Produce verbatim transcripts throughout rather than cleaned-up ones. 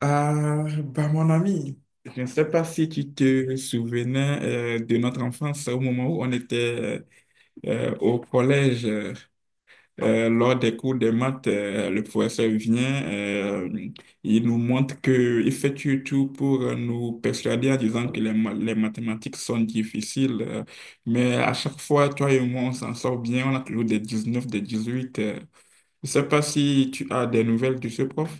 Ah, bah mon ami, je ne sais pas si tu te souvenais euh, de notre enfance au moment où on était euh, au collège. Euh, lors des cours de maths, euh, le professeur vient, euh, il nous montre qu'il fait tout tout pour nous persuader en disant que les, ma- les mathématiques sont difficiles. Euh, mais à chaque fois, toi et moi, on s'en sort bien, on a toujours des neuf des dix-huit. euh. Je ne sais pas si tu as des nouvelles de ce prof.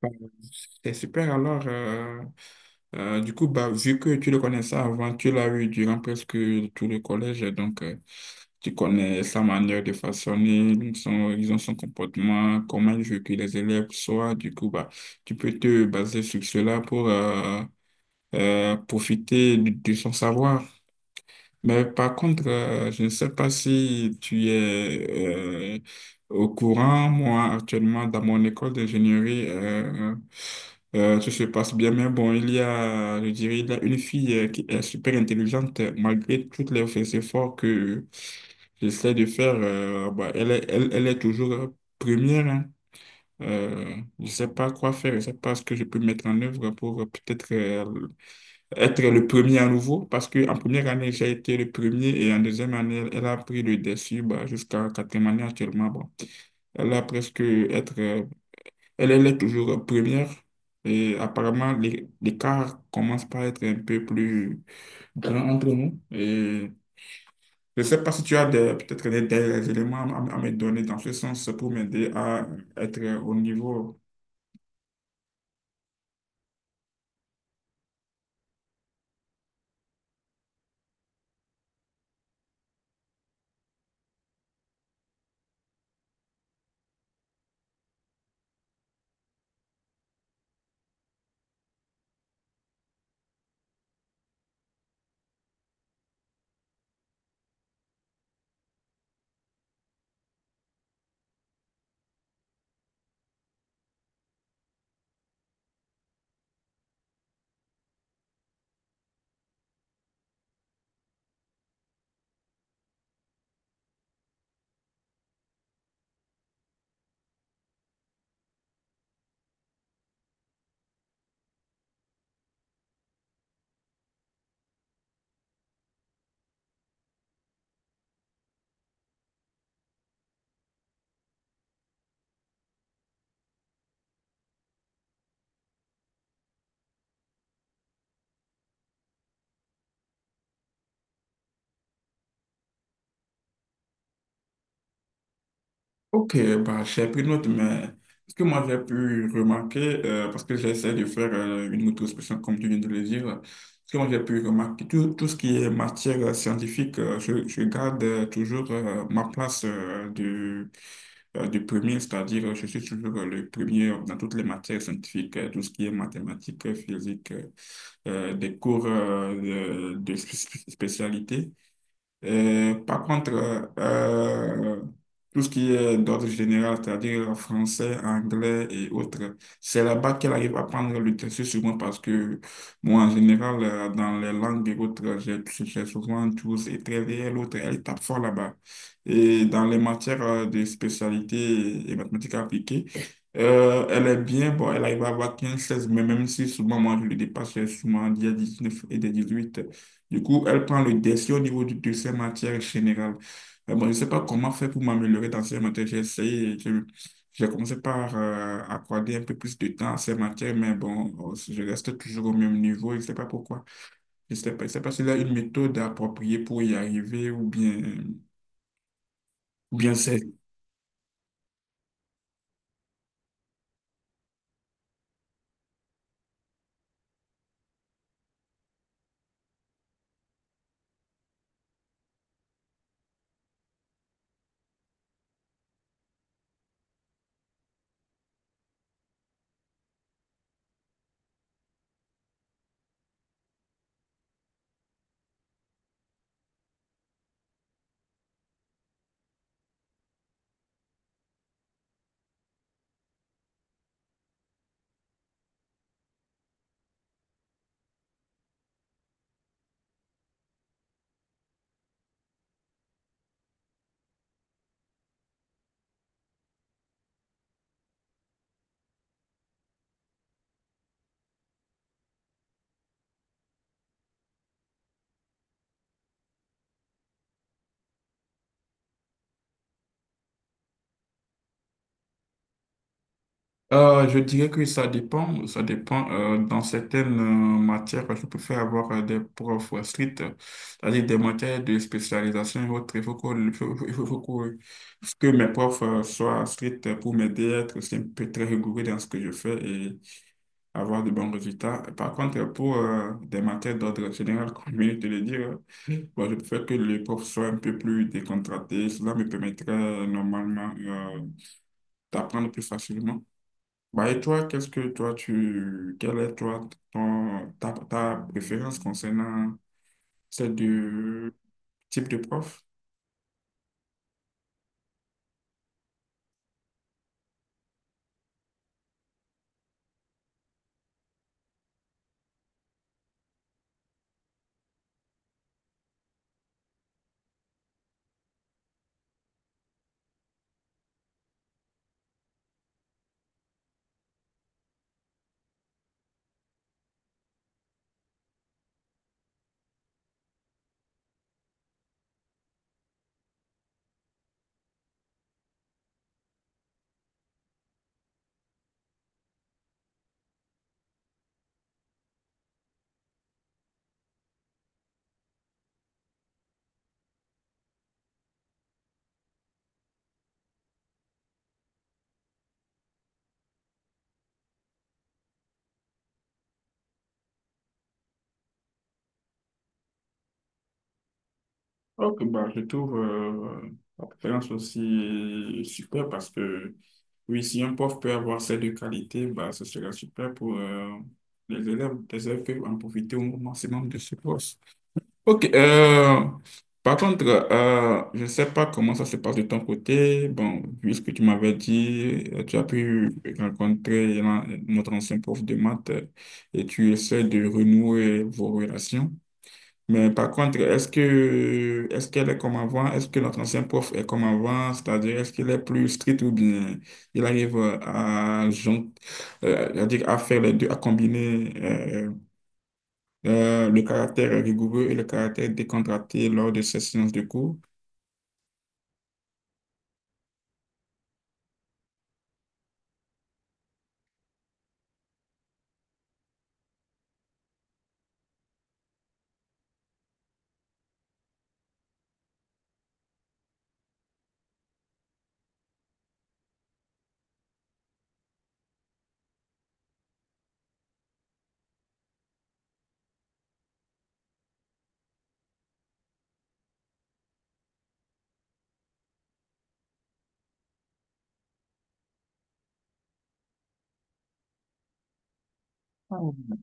Bon, c'est super. Alors, euh, euh, du coup, bah, vu que tu le connaissais avant, tu l'as eu durant presque tout le collège, donc euh, tu connais sa manière de façonner, son, disons, son comportement, comment il veut que les élèves soient. Du coup, bah, tu peux te baser sur cela pour euh, euh, profiter de de son savoir. Mais par contre, euh, je ne sais pas si tu es euh, au courant. Moi, actuellement, dans mon école d'ingénierie, euh, euh, tout se passe bien. Mais bon, il y a, je dirais, il y a une fille euh, qui est super intelligente, malgré tous les les efforts que j'essaie de faire. euh, bah, elle est, elle, elle est toujours première, hein. Euh, je ne sais pas quoi faire. Je ne sais pas ce que je peux mettre en œuvre pour euh, peut-être euh, être le premier à nouveau, parce qu'en première année, j'ai été le premier et en deuxième année, elle, elle a pris le dessus bah, jusqu'à quatrième année actuellement. Bon, elle a presque être, euh, elle, elle est toujours première et apparemment, l'é- l'écart commence par être un peu plus grand entre nous. Et je ne sais pas si tu as des- peut-être des, des éléments à, à me donner dans ce sens pour m'aider à être au niveau. Ok, bah, j'ai pris note, mais ce que moi j'ai pu remarquer, euh, parce que j'essaie de faire euh, une auto-expression comme tu viens de le dire, ce que moi j'ai pu remarquer, tout, tout ce qui est matière euh, scientifique, euh, je, je garde euh, toujours euh, ma place euh, de, euh, de premier, c'est-à-dire euh, je suis toujours euh, le premier dans toutes les matières scientifiques, euh, tout ce qui est mathématiques, euh, physique, euh, euh, des cours euh, de, de spé- spécialité. Et par contre, euh, tout ce qui est d'ordre général, c'est-à-dire français, anglais et autres, c'est là-bas qu'elle arrive à prendre le dessus sur moi parce que moi, en général, euh, dans les langues et autres, j'ai j'ai souvent douze et très et l'autre, elle tape fort là-bas. Et dans les matières euh, de spécialité et mathématiques appliquées, euh, elle est bien, bon, elle arrive à avoir quinze seize mais même si souvent moi je le dépasse, j'ai souvent des neuf et des dix huit du coup, elle prend le dessus au niveau de, de ses matières générales. Euh, bon, je ne sais pas comment faire pour m'améliorer dans ces matières. J'ai essayé, je- j'ai commencé par euh, accorder un peu plus de temps à ces matières, mais bon, euh, je reste toujours au même niveau. Je ne sais pas pourquoi. Je ne sais pas, je sais pas s'il y a une méthode appropriée pour y arriver ou bien, ou bien c'est. Euh, je dirais que ça dépend. Ça dépend. Euh, dans certaines euh, matières, je préfère avoir euh, des profs euh, stricts, euh, c'est-à-dire des matières de spécialisation et autres. Il faut que, il faut- il faut- il faut que, que mes profs euh, soient stricts pour m'aider à être aussi un peu très rigoureux dans ce que je fais et avoir de bons résultats. Par contre, pour euh, des matières d'ordre général, comme je viens de te le dire, euh, moi, je préfère que les profs soient un peu plus décontractés. Cela me permettrait euh, normalement euh, d'apprendre plus facilement. Bah, et toi, qu'est-ce que toi tu quelle est toi ton- ta, ta préférence concernant ces deux types de profs? Ok, bah je trouve euh, la préférence aussi super parce que oui, si un prof peut avoir ces deux qualités, bah ce serait super pour euh, les élèves. Les élèves peuvent en profiter au maximum de ce prof. Ok, euh, par contre, euh, je ne sais pas comment ça se passe de ton côté. Bon, vu ce que tu m'avais dit, euh, tu as pu rencontrer l'an- notre ancien prof de maths, euh, et tu essaies de renouer vos relations. Mais par contre, est-ce que, est-ce qu'elle est comme avant? Est-ce que notre ancien prof est comme avant? C'est-à-dire, est-ce qu'il est plus strict ou bien il arrive à, jon- euh, à dire, à faire les deux, à combiner euh, euh, le caractère rigoureux et le caractère décontracté lors de ces séances de cours. Mhm.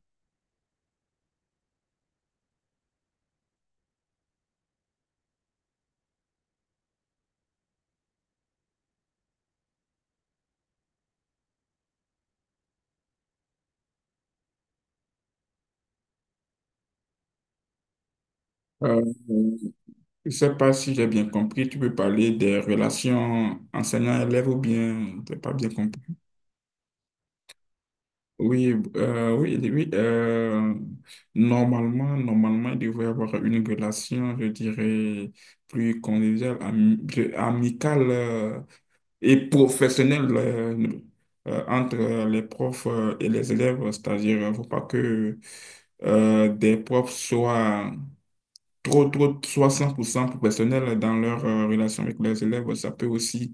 Euh, je ne sais pas si j'ai bien compris, tu peux parler des relations enseignant-élève ou bien, je n'ai pas bien compris. Oui, euh, oui, oui. oui, euh, normalement, normalement, il devrait y avoir une relation, je dirais, plus conviviale, ami- je- amicale euh, et professionnelle euh, euh, entre les profs euh, et les élèves. C'est-à-dire, il ne faut pas que euh, des profs soient trop, trop, soit cent pour cent professionnels dans leur euh, relation avec leurs élèves. Ça peut aussi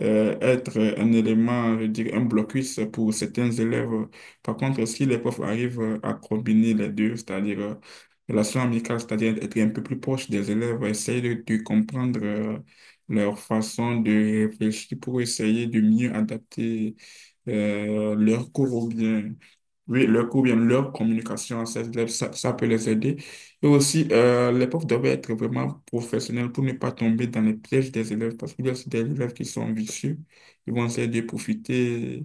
euh, être un élément, je veux dire, un blocus pour certains élèves. Par contre, si les profs arrivent à combiner les deux, c'est-à-dire euh, relation amicale, c'est-à-dire être un peu plus proche des élèves, essayer de, de comprendre euh, leur façon de réfléchir pour essayer de mieux adapter euh, leur cours ou bien oui, leur cours, bien leur communication, ça, ça, ça peut les aider. Et aussi, euh, les profs doivent être vraiment professionnels pour ne pas tomber dans les pièges des élèves, parce qu'il y a aussi des élèves qui sont vicieux. Ils vont essayer de profiter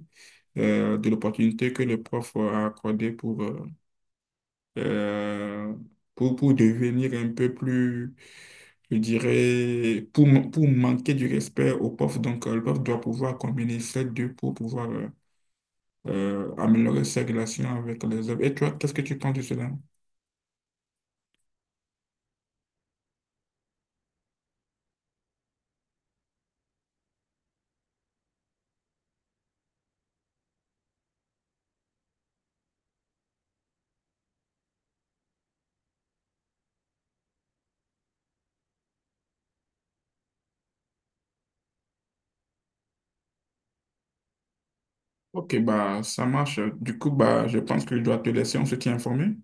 euh, de l'opportunité que le prof a accordée pour, euh, euh, pour, pour devenir un peu plus, je dirais, pour, ma- pour manquer du respect au prof. Donc, euh, le prof doit pouvoir combiner ces deux pour pouvoir euh, euh, améliorer ses relations avec les autres. Et toi, qu'est-ce que tu penses de cela? Ok, bah, ça marche. Du coup, bah, je pense que je dois te laisser, on se tient informé.